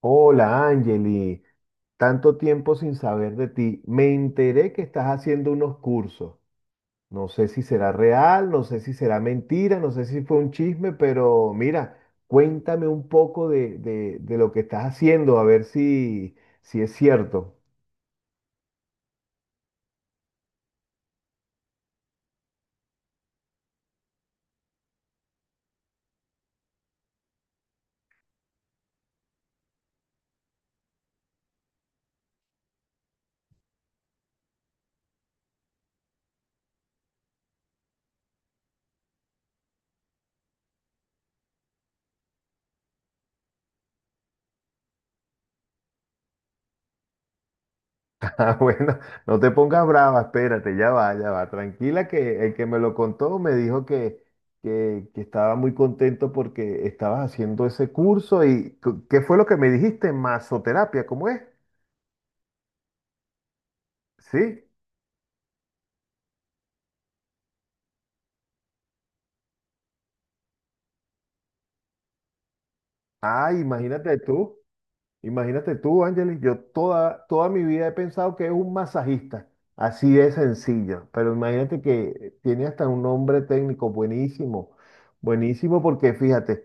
Hola, Angeli. Tanto tiempo sin saber de ti. Me enteré que estás haciendo unos cursos. No sé si será real, no sé si será mentira, no sé si fue un chisme, pero mira, cuéntame un poco de lo que estás haciendo, a ver si, si es cierto. Ah, bueno, no te pongas brava, espérate, ya va, tranquila que el que me lo contó me dijo que estaba muy contento porque estabas haciendo ese curso. ¿Y ¿qué fue lo que me dijiste? Masoterapia, ¿cómo es? Sí. Ah, imagínate tú. Imagínate tú, Ángeles, yo toda mi vida he pensado que es un masajista, así de sencillo, pero imagínate que tiene hasta un nombre técnico buenísimo, buenísimo porque fíjate,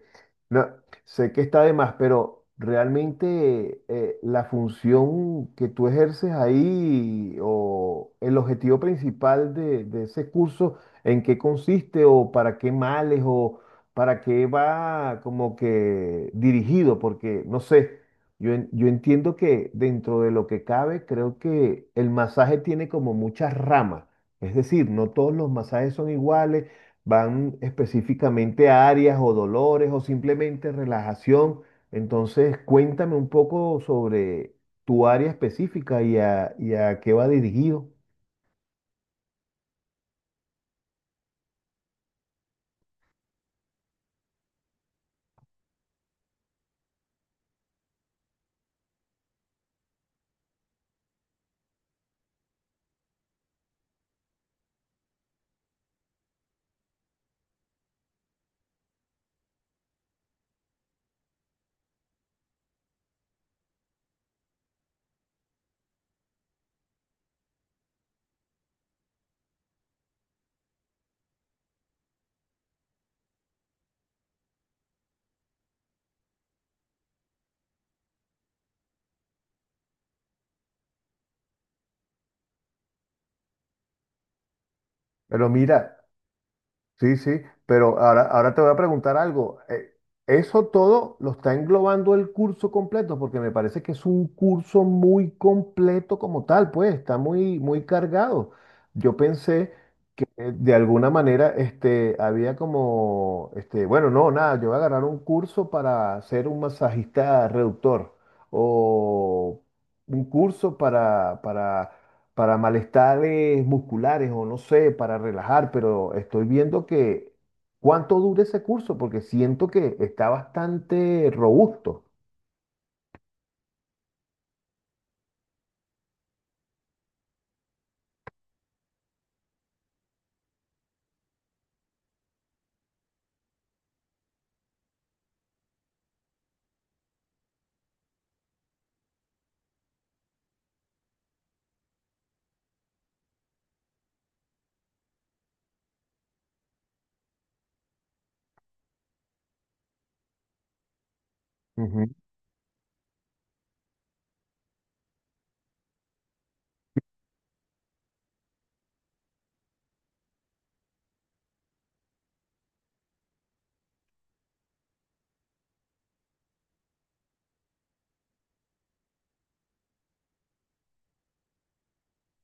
no, sé que está de más, pero realmente la función que tú ejerces ahí o el objetivo principal de ese curso, ¿en qué consiste o para qué males o para qué va como que dirigido? Porque no sé. Yo entiendo que dentro de lo que cabe, creo que el masaje tiene como muchas ramas. Es decir, no todos los masajes son iguales, van específicamente a áreas o dolores o simplemente relajación. Entonces, cuéntame un poco sobre tu área específica y a qué va dirigido. Pero mira, sí, sí, pero ahora te voy a preguntar algo. ¿Eso todo lo está englobando el curso completo? Porque me parece que es un curso muy completo como tal, pues está muy, muy cargado. Yo pensé de alguna manera, este, había como, este, bueno, no, nada, yo voy a agarrar un curso para ser un masajista reductor o un curso para malestares musculares o no sé, para relajar, pero estoy viendo que cuánto dura ese curso porque siento que está bastante robusto.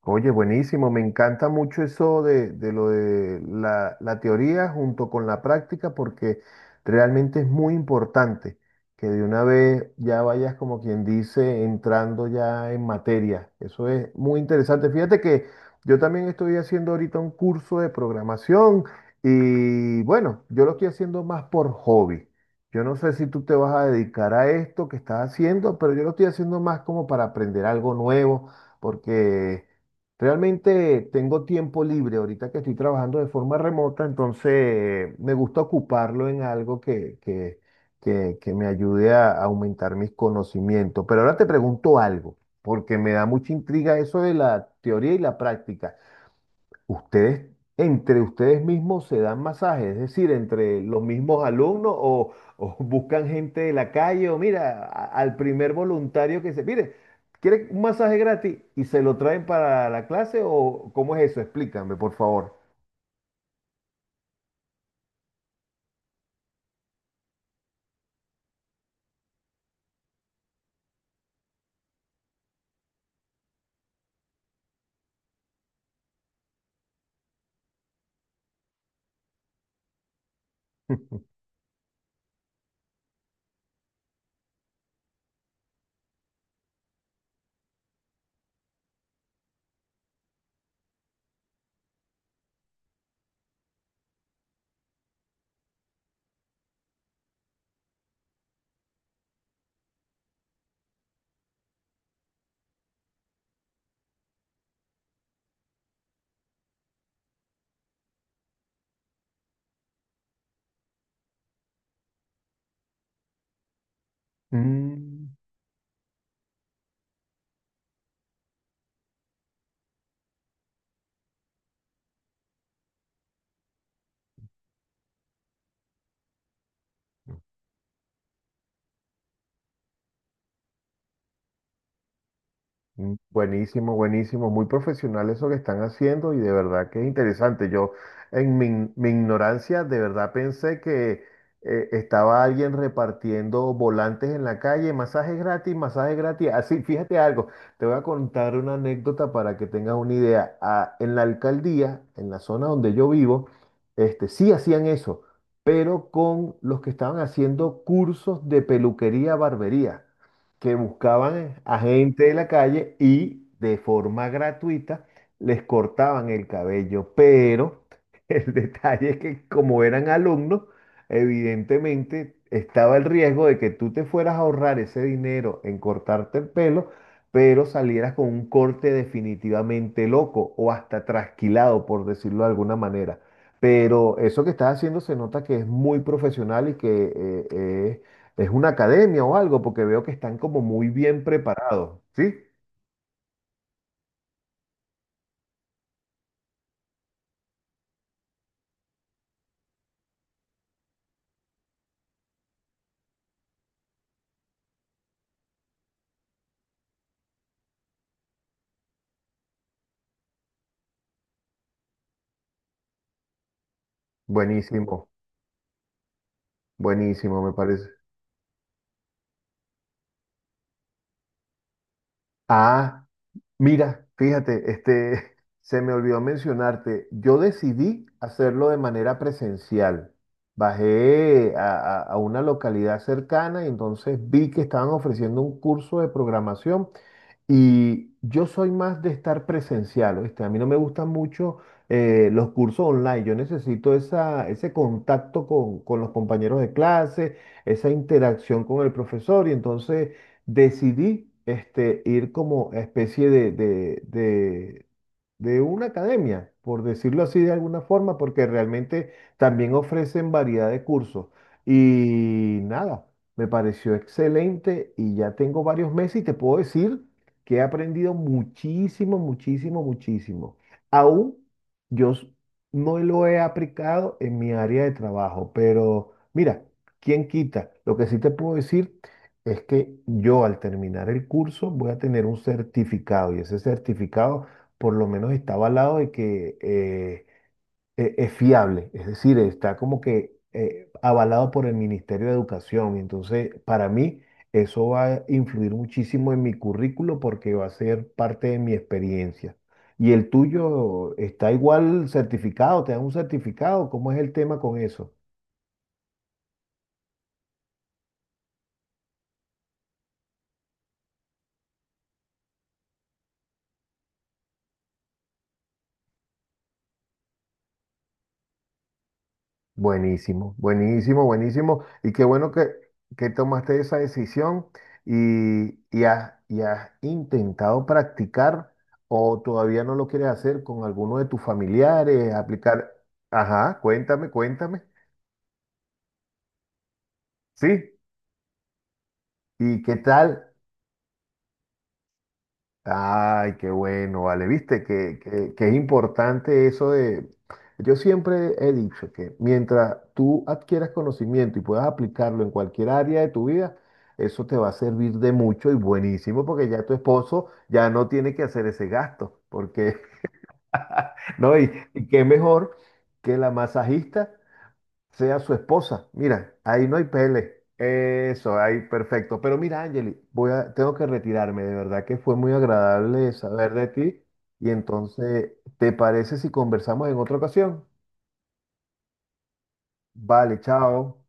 Oye, buenísimo, me encanta mucho eso de lo de la teoría junto con la práctica porque realmente es muy importante que de una vez ya vayas como quien dice entrando ya en materia. Eso es muy interesante. Fíjate que yo también estoy haciendo ahorita un curso de programación y bueno, yo lo estoy haciendo más por hobby. Yo no sé si tú te vas a dedicar a esto que estás haciendo, pero yo lo estoy haciendo más como para aprender algo nuevo porque... Realmente tengo tiempo libre ahorita que estoy trabajando de forma remota, entonces me gusta ocuparlo en algo que me ayude a aumentar mis conocimientos. Pero ahora te pregunto algo, porque me da mucha intriga eso de la teoría y la práctica. Ustedes, entre ustedes mismos se dan masajes, es decir, entre los mismos alumnos o buscan gente de la calle o mira, al primer voluntario que se, mire, ¿quiere un masaje gratis y se lo traen para la clase o cómo es eso? Explícame, por favor. Mm. Mm, buenísimo, buenísimo, muy profesional eso que están haciendo y de verdad que es interesante. Yo en mi, in- Mi ignorancia de verdad pensé que estaba alguien repartiendo volantes en la calle, masajes gratis, masajes gratis. Así, fíjate algo, te voy a contar una anécdota para que tengas una idea. Ah, en la alcaldía, en la zona donde yo vivo, este, sí hacían eso, pero con los que estaban haciendo cursos de peluquería, barbería que buscaban a gente de la calle y de forma gratuita les cortaban el cabello. Pero el detalle es que como eran alumnos, evidentemente estaba el riesgo de que tú te fueras a ahorrar ese dinero en cortarte el pelo, pero salieras con un corte definitivamente loco o hasta trasquilado, por decirlo de alguna manera. Pero eso que estás haciendo se nota que es muy profesional y que ¿es una academia o algo? Porque veo que están como muy bien preparados, ¿sí? Buenísimo, buenísimo, me parece. Ah, mira, fíjate, este, se me olvidó mencionarte, yo decidí hacerlo de manera presencial. Bajé a una localidad cercana y entonces vi que estaban ofreciendo un curso de programación. Y yo soy más de estar presencial, ¿oíste? A mí no me gustan mucho los cursos online. Yo necesito esa, ese contacto con los compañeros de clase, esa interacción con el profesor. Y entonces decidí este, ir como especie de una academia, por decirlo así de alguna forma, porque realmente también ofrecen variedad de cursos. Y nada, me pareció excelente y ya tengo varios meses y te puedo decir que he aprendido muchísimo, muchísimo, muchísimo. Aún yo s- no lo he aplicado en mi área de trabajo, pero mira, ¿quién quita? Lo que sí te puedo decir es que yo al terminar el curso voy a tener un certificado y ese certificado por lo menos está avalado de que es fiable, es decir, está como que avalado por el Ministerio de Educación. Y entonces, para mí, eso va a influir muchísimo en mi currículo porque va a ser parte de mi experiencia. ¿Y el tuyo está igual certificado? ¿Te dan un certificado? ¿Cómo es el tema con eso? Buenísimo, buenísimo, buenísimo. Y qué bueno que tomaste esa decisión y, y has intentado practicar o todavía no lo quieres hacer con alguno de tus familiares, aplicar. Ajá, cuéntame, cuéntame. Sí, ¿y qué tal? Ay, qué bueno, vale. Viste que es importante eso de... Yo siempre he dicho que mientras tú adquieras conocimiento y puedas aplicarlo en cualquier área de tu vida, eso te va a servir de mucho y buenísimo porque ya tu esposo ya no tiene que hacer ese gasto, porque, ¿no? Y qué mejor que la masajista sea su esposa. Mira, ahí no hay pele. Eso, ahí perfecto. Pero mira, Angeli, voy a, tengo que retirarme. De verdad que fue muy agradable saber de ti. Y entonces, ¿te parece si conversamos en otra ocasión? Vale, chao.